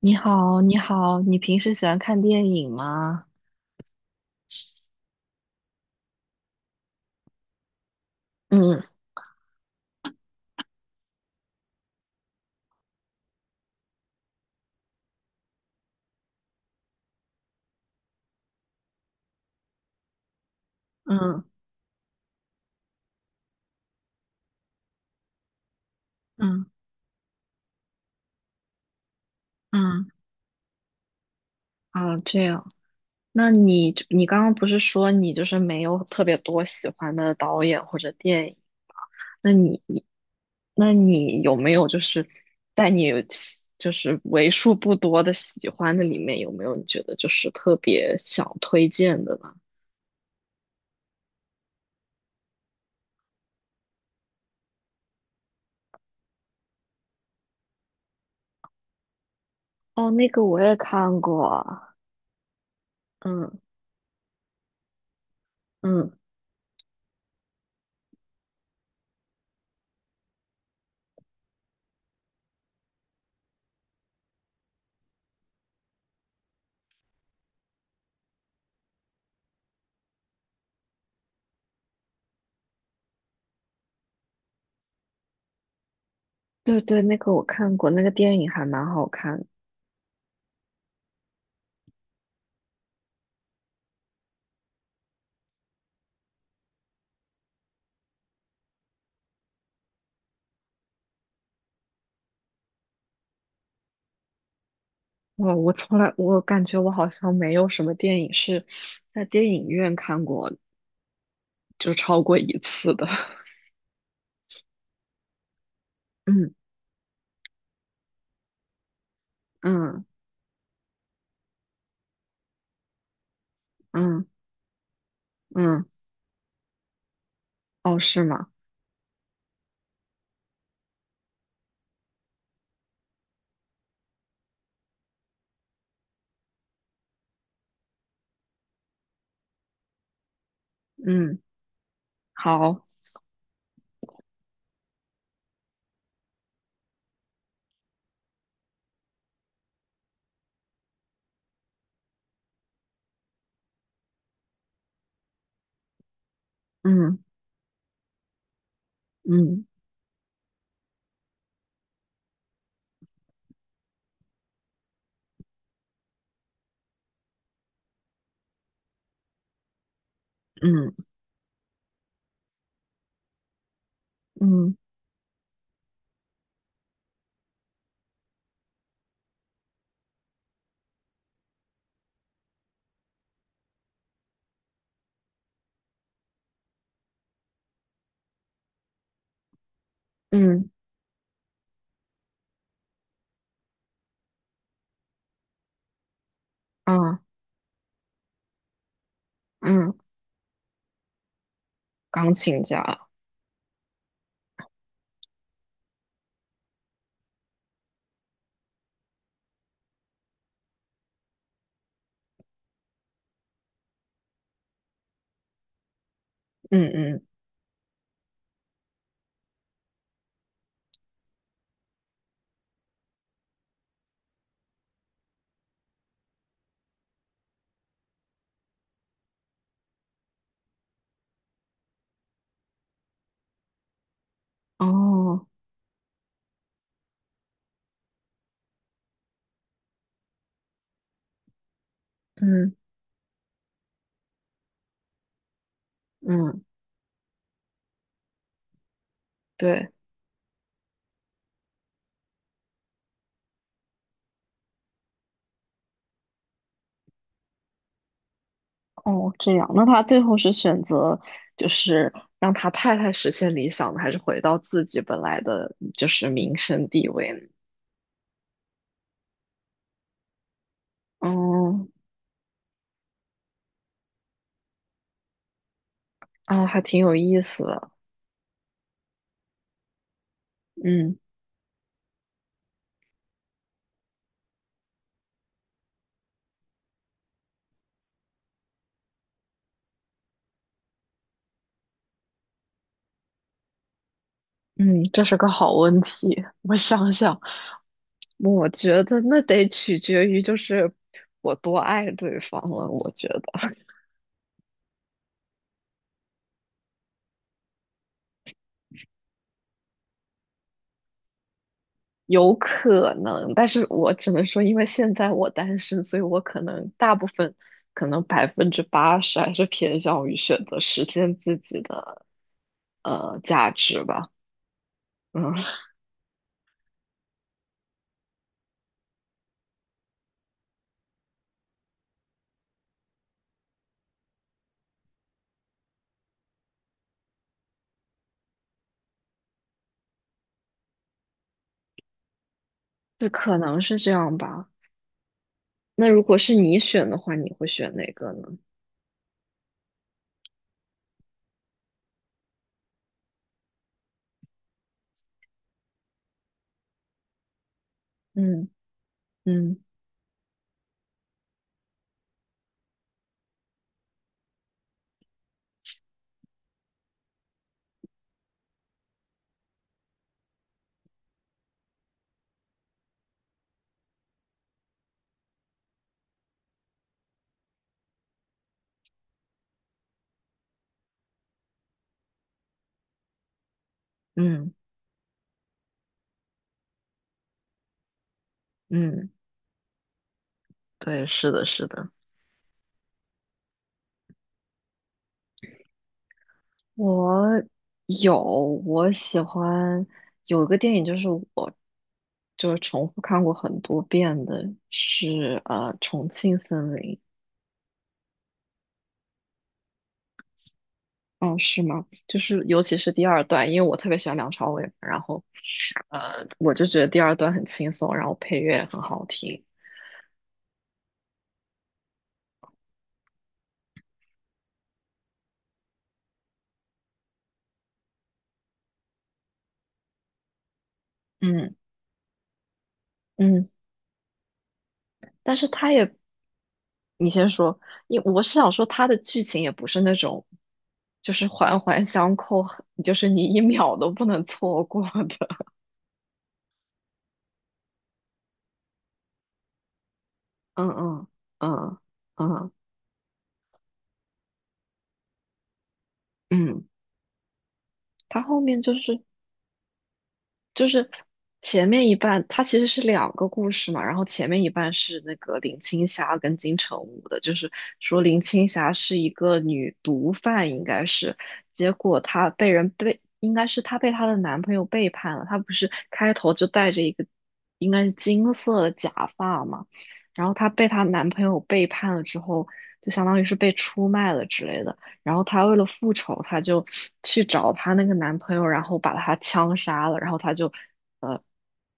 你好，你好，你平时喜欢看电影吗？嗯嗯嗯嗯，啊，这样。那你刚刚不是说你就是没有特别多喜欢的导演或者电影？那你有没有就是在你就是为数不多的喜欢的里面，有没有你觉得就是特别想推荐的呢？哦，那个我也看过，嗯嗯，对对，那个我看过，那个电影还蛮好看的。哇，我从来，我感觉我好像没有什么电影是在电影院看过，就超过一次的。嗯嗯嗯嗯，哦，是吗？嗯，好，嗯嗯嗯嗯嗯啊嗯，钢琴家，嗯嗯，哦，嗯嗯，对，哦，这样，那他最后是选择就是让他太太实现理想呢，还是回到自己本来的就是名声地位呢？哦。啊，还挺有意思的。嗯嗯，这是个好问题。我想想，我觉得那得取决于就是我多爱对方了。我觉得有可能，但是我只能说，因为现在我单身，所以我可能大部分，可能80%还是偏向于选择实现自己的价值吧。嗯，就可能是这样吧。那如果是你选的话，你会选哪个呢？嗯嗯嗯嗯。对，是的，是的，我有，我喜欢有一个电影，就是我就是重复看过很多遍的，是《重庆森林》。哦，是吗？就是尤其是第二段，因为我特别喜欢梁朝伟，然后我就觉得第二段很轻松，然后配乐也很好听。嗯嗯，但是他也你先说，我是想说它的剧情也不是那种，就是环环相扣，就是你一秒都不能错过的。嗯嗯嗯嗯嗯，它后面就是就是前面一半，它其实是两个故事嘛，然后前面一半是那个林青霞跟金城武的，就是说林青霞是一个女毒贩，应该是，结果她被人背，应该是她被她的男朋友背叛了，她不是开头就戴着一个应该是金色的假发嘛，然后她被她男朋友背叛了之后，就相当于是被出卖了之类的。然后她为了复仇，她就去找她那个男朋友，然后把他枪杀了，呃，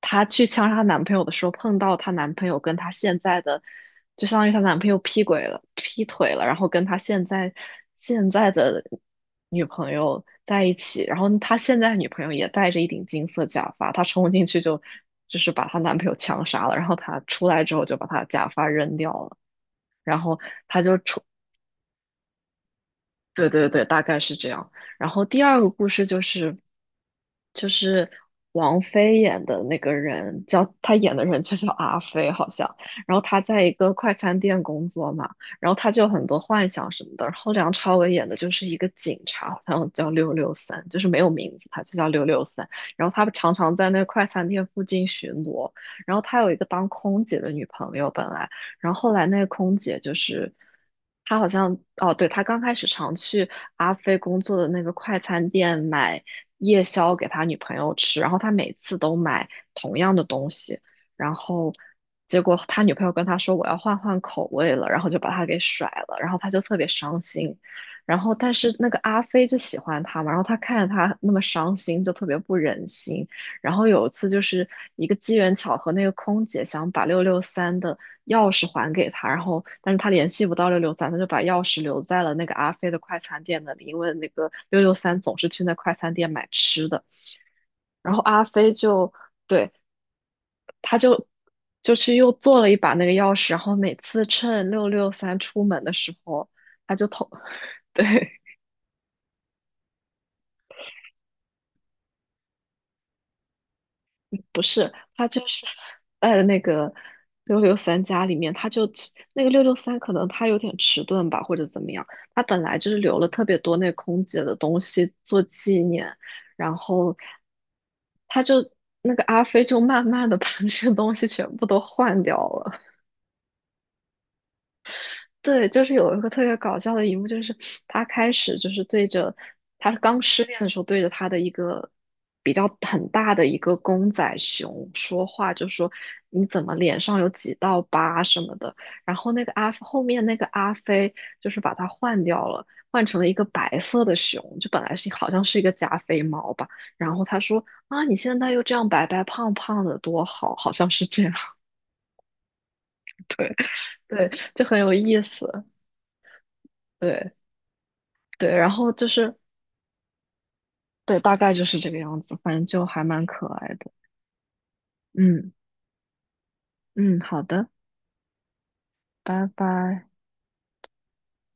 她去枪杀她男朋友的时候，碰到她男朋友跟她现在的，就相当于她男朋友劈鬼了，劈腿了，然后跟她现在的女朋友在一起，然后她现在女朋友也戴着一顶金色假发，她冲进去就是把她男朋友枪杀了，然后她出来之后就把她假发扔掉了。然后她就出对对对，大概是这样。然后第二个故事就是，就是王菲演的那个人叫她演的人就叫阿飞好像。然后她在一个快餐店工作嘛，然后她就有很多幻想什么的。然后梁朝伟演的就是一个警察，好像叫六六三，就是没有名字，他就叫六六三。然后他常常在那个快餐店附近巡逻。然后他有一个当空姐的女朋友，本来。然后后来那个空姐就是，她好像哦，对，她刚开始常去阿飞工作的那个快餐店买夜宵给他女朋友吃，然后他每次都买同样的东西，然后结果他女朋友跟他说我要换换口味了，然后就把他给甩了，然后他就特别伤心。然后，但是那个阿飞就喜欢他嘛，然后他看着他那么伤心，就特别不忍心，然后有一次就是一个机缘巧合，那个空姐想把六六三的钥匙还给他，然后但是他联系不到六六三，他就把钥匙留在了那个阿飞的快餐店那里，因为那个六六三总是去那快餐店买吃的。然后阿飞就对，他就去又做了一把那个钥匙，然后每次趁六六三出门的时候，他就偷 对，不是，他就是在那个六六三家里面，他就迟那个六六三可能他有点迟钝吧，或者怎么样，他本来就是留了特别多那空姐的东西做纪念，然后他就那个阿飞就慢慢的把那些东西全部都换掉了。对，就是有一个特别搞笑的一幕，就是他开始就是对着他刚失恋的时候，对着他的一个比较很大的一个公仔熊说话，就说你怎么脸上有几道疤什么的。然后那个后面那个阿飞就是把它换掉了，换成了一个白色的熊，就本来是好像是一个加菲猫吧。然后他说啊，你现在又这样白白胖胖的，多好，好像是这样，对对，就很有意思。对对，然后就是对，大概就是这个样子，反正就还蛮可爱的。嗯嗯，好的，拜拜。